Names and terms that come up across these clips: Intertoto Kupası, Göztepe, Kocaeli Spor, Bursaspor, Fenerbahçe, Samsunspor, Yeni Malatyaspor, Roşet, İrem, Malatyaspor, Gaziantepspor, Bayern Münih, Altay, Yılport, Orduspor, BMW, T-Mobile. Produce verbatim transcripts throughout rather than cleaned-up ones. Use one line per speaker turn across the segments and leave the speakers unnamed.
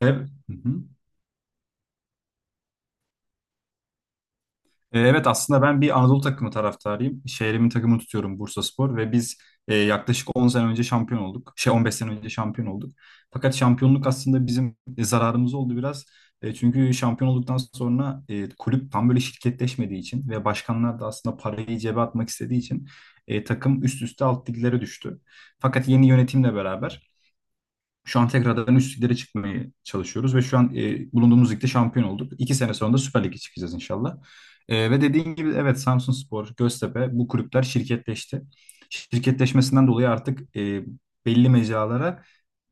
Ev- Hı hı. E, Evet aslında ben bir Anadolu takımı taraftarıyım. Şehrimin takımını tutuyorum Bursaspor ve biz e, yaklaşık on sene önce şampiyon olduk. Şey on beş sene önce şampiyon olduk. Fakat şampiyonluk aslında bizim e, zararımız oldu biraz. E, çünkü şampiyon olduktan sonra e, kulüp tam böyle şirketleşmediği için ve başkanlar da aslında parayı cebe atmak istediği için e, takım üst üste alt liglere düştü. Fakat yeni yönetimle beraber Şu an tekrardan üst liglere çıkmaya çalışıyoruz ve şu an e, bulunduğumuz ligde şampiyon olduk. İki sene sonra da Süper Lig'e çıkacağız inşallah. E, ve dediğin gibi evet Samsunspor, Göztepe bu kulüpler şirketleşti. Şirketleşmesinden dolayı artık e, belli mecralara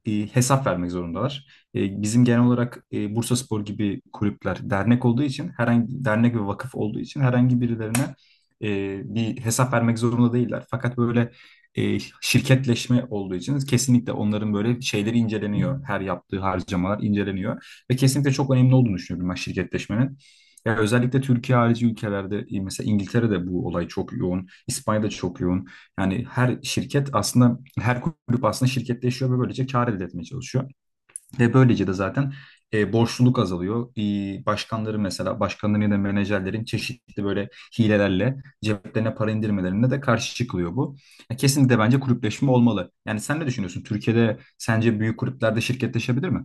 e, hesap vermek zorundalar. E, bizim genel olarak e, Bursaspor gibi kulüpler dernek olduğu için, herhangi dernek ve vakıf olduğu için herhangi birilerine e, bir hesap vermek zorunda değiller. Fakat böyle e, şirketleşme olduğu için kesinlikle onların böyle şeyleri inceleniyor. Her yaptığı harcamalar inceleniyor ve kesinlikle çok önemli olduğunu düşünüyorum ben şirketleşmenin. Ya özellikle Türkiye harici ülkelerde e, mesela İngiltere'de bu olay çok yoğun, İspanya'da çok yoğun. Yani her şirket aslında, her kulüp aslında şirketleşiyor ve böylece kar elde etmeye çalışıyor. Ve böylece de zaten e, borçluluk azalıyor. E, başkanları mesela, başkanların ya da menajerlerin çeşitli böyle hilelerle ceplerine para indirmelerine de karşı çıkılıyor bu. Ya kesinlikle bence kulüpleşme olmalı. Yani sen ne düşünüyorsun? Türkiye'de sence büyük kulüplerde şirketleşebilir mi?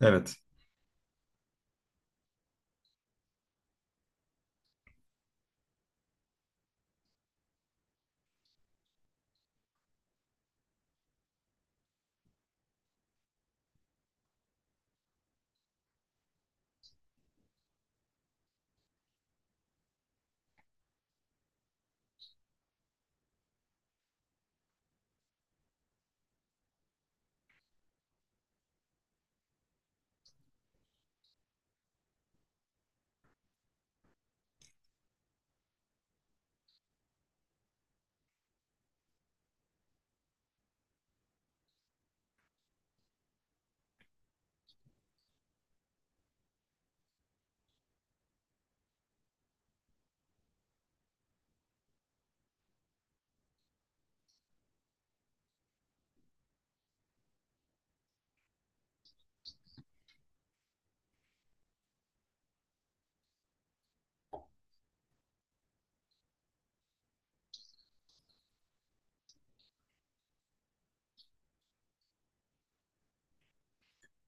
Evet.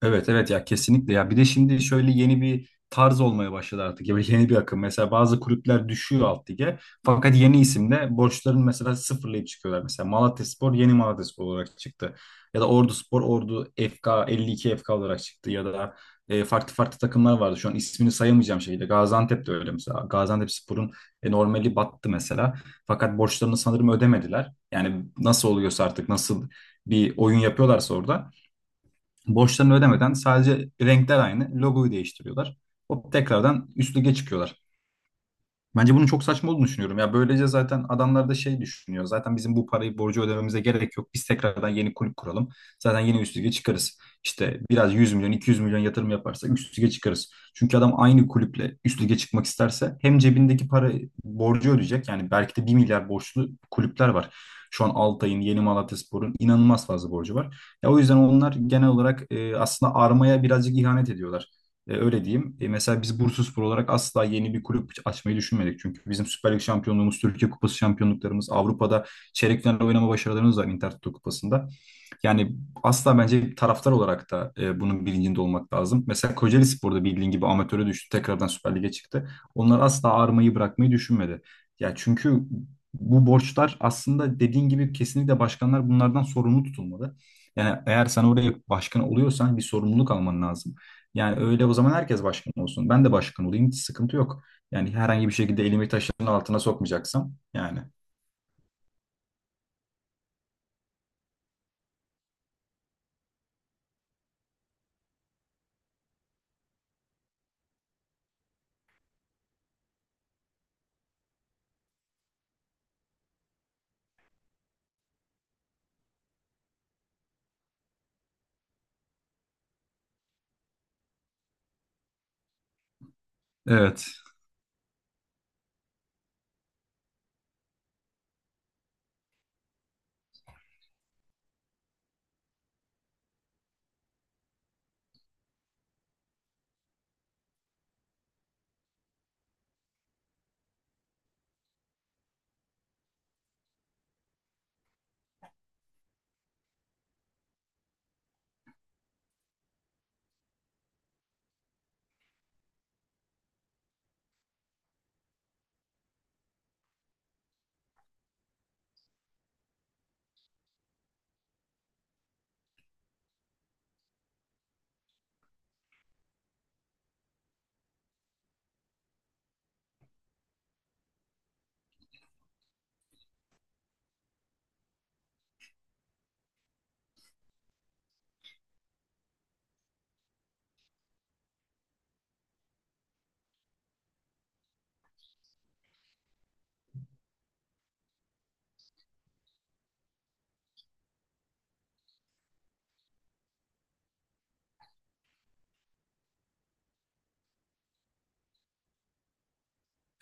Evet, evet, ya kesinlikle. Ya bir de şimdi şöyle yeni bir tarz olmaya başladı artık, ya yeni bir akım. Mesela bazı kulüpler düşüyor alt lige fakat yeni isimle borçlarını mesela sıfırlayıp çıkıyorlar. Mesela Malatyaspor yeni Malatyaspor olarak çıktı, ya da Orduspor Ordu F K elli iki F K olarak çıktı, ya da e, farklı farklı takımlar vardı şu an ismini sayamayacağım şekilde. Gaziantep de öyle mesela, Gaziantepspor'un e, normali battı mesela fakat borçlarını sanırım ödemediler. Yani nasıl oluyorsa artık, nasıl bir oyun yapıyorlarsa orada, borçlarını ödemeden sadece renkler aynı. Logoyu değiştiriyorlar. Hop tekrardan üst lige çıkıyorlar. Bence bunun çok saçma olduğunu düşünüyorum. Ya böylece zaten adamlar da şey düşünüyor: zaten bizim bu parayı, borcu ödememize gerek yok. Biz tekrardan yeni kulüp kuralım. Zaten yeni üst lige çıkarız. İşte biraz 100 milyon, 200 milyon yatırım yaparsa üst lige çıkarız. Çünkü adam aynı kulüple üst lige çıkmak isterse hem cebindeki para borcu ödeyecek. Yani belki de bir milyar borçlu kulüpler var. Şu an Altay'ın, Yeni Malatyaspor'un inanılmaz fazla borcu var. Ya o yüzden onlar genel olarak e, aslında armaya birazcık ihanet ediyorlar. E, öyle diyeyim. E, mesela biz Bursaspor olarak asla yeni bir kulüp açmayı düşünmedik. Çünkü bizim Süper Lig şampiyonluğumuz, Türkiye Kupası şampiyonluklarımız, Avrupa'da çeyrek final oynama başarılarımız var Intertoto Kupası'nda. Yani asla, bence taraftar olarak da e, bunun bilincinde olmak lazım. Mesela Kocaeli Spor'da bildiğin gibi amatöre düştü, tekrardan Süper Lig'e çıktı. Onlar asla ağırmayı bırakmayı düşünmedi. Ya çünkü bu borçlar aslında, dediğin gibi, kesinlikle başkanlar bunlardan sorumlu tutulmalı. Yani eğer sen oraya başkan oluyorsan bir sorumluluk alman lazım. Yani öyle o zaman herkes başkan olsun. Ben de başkan olayım. Hiç sıkıntı yok. Yani herhangi bir şekilde elimi taşın altına sokmayacaksam yani. Evet.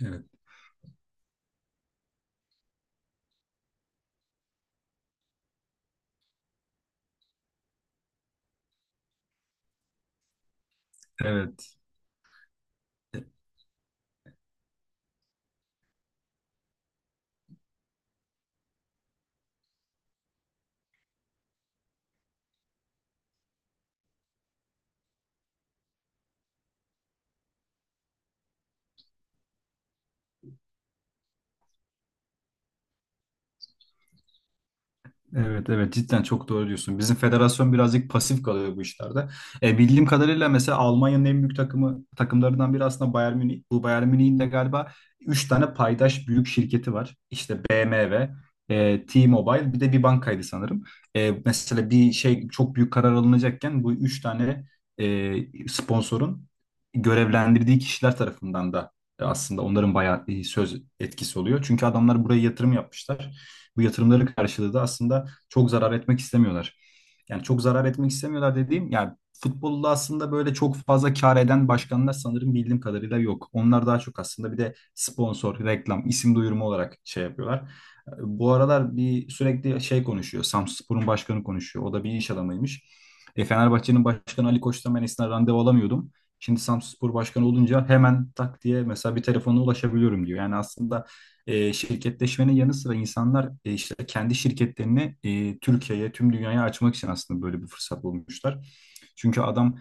Evet. Evet. Evet, evet, cidden çok doğru diyorsun. Bizim federasyon birazcık pasif kalıyor bu işlerde. E, bildiğim kadarıyla mesela Almanya'nın en büyük takımı takımlarından biri aslında Bayern Münih. Bu Bayern Münih'in de galiba üç tane paydaş büyük şirketi var. İşte B M W, e, T-Mobile, bir de bir bankaydı sanırım. E, mesela bir şey, çok büyük karar alınacakken, bu üç tane e, sponsorun görevlendirdiği kişiler tarafından da e, aslında onların bayağı e, söz etkisi oluyor. Çünkü adamlar buraya yatırım yapmışlar. Bu yatırımları karşılığı da aslında çok zarar etmek istemiyorlar. Yani çok zarar etmek istemiyorlar dediğim, yani futbolda aslında böyle çok fazla kar eden başkanlar sanırım bildiğim kadarıyla yok. Onlar daha çok aslında bir de sponsor, reklam, isim duyurma olarak şey yapıyorlar. Bu aralar bir sürekli şey konuşuyor, Samsunspor'un başkanı konuşuyor. O da bir iş adamıymış. E, Fenerbahçe'nin başkanı Ali Koç'tan ben eskiden randevu alamıyordum. Şimdi Samsunspor başkanı olunca hemen tak diye mesela bir telefona ulaşabiliyorum diyor. Yani aslında e, şirketleşmenin yanı sıra insanlar e, işte kendi şirketlerini e, Türkiye'ye, tüm dünyaya açmak için aslında böyle bir fırsat bulmuşlar. Çünkü adam,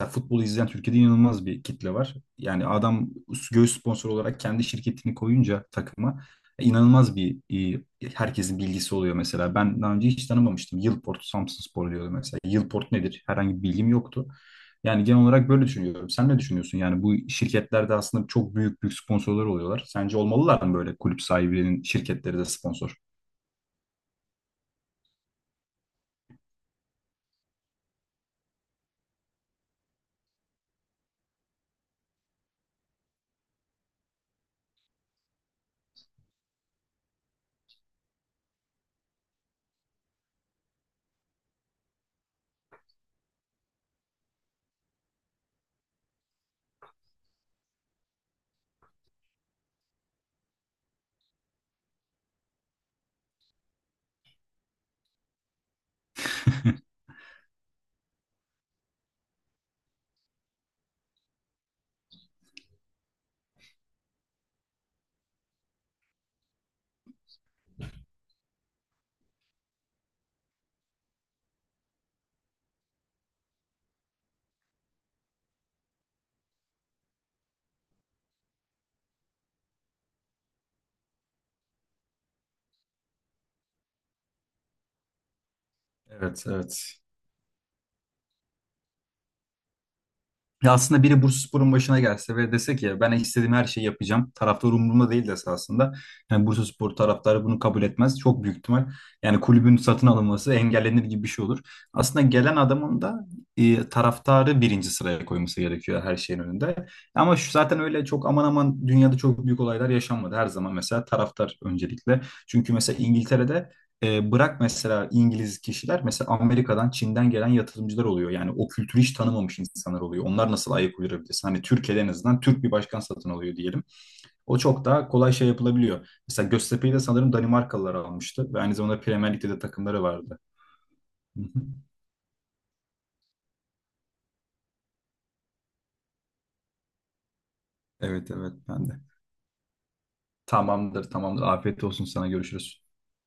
ya futbolu izleyen Türkiye'de inanılmaz bir kitle var. Yani adam göğüs sponsor olarak kendi şirketini koyunca takıma e, inanılmaz bir, e, herkesin bilgisi oluyor mesela. Ben daha önce hiç tanımamıştım. Yılport, Samsunspor diyordu mesela. Yılport nedir? Herhangi bir bilgim yoktu. Yani genel olarak böyle düşünüyorum. Sen ne düşünüyorsun? Yani bu şirketlerde aslında çok büyük büyük sponsorlar oluyorlar. Sence olmalılar mı böyle, kulüp sahibinin şirketleri de sponsor? Evet, evet. Ya aslında biri Bursaspor'un başına gelse ve dese ki ben istediğim her şeyi yapacağım, taraftar umurumda değil dese aslında, yani Bursaspor taraftarı bunu kabul etmez çok büyük ihtimal. Yani kulübün satın alınması engellenir gibi bir şey olur. Aslında gelen adamın da e, taraftarı birinci sıraya koyması gerekiyor her şeyin önünde. Ama şu, zaten öyle çok aman aman dünyada çok büyük olaylar yaşanmadı. Her zaman mesela taraftar öncelikle. Çünkü mesela İngiltere'de e, bırak mesela İngiliz kişiler, mesela Amerika'dan, Çin'den gelen yatırımcılar oluyor. Yani o kültürü hiç tanımamış insanlar oluyor. Onlar nasıl ayak uydurabilirsin? Hani Türkiye'de en azından Türk bir başkan satın alıyor diyelim, o çok daha kolay şey yapılabiliyor. Mesela Göztepe'yi de sanırım Danimarkalılar almıştı ve aynı zamanda Premier Lig'de de takımları vardı. Hı hı. Evet, evet, ben de. Tamamdır, tamamdır. Afiyet olsun sana, görüşürüz.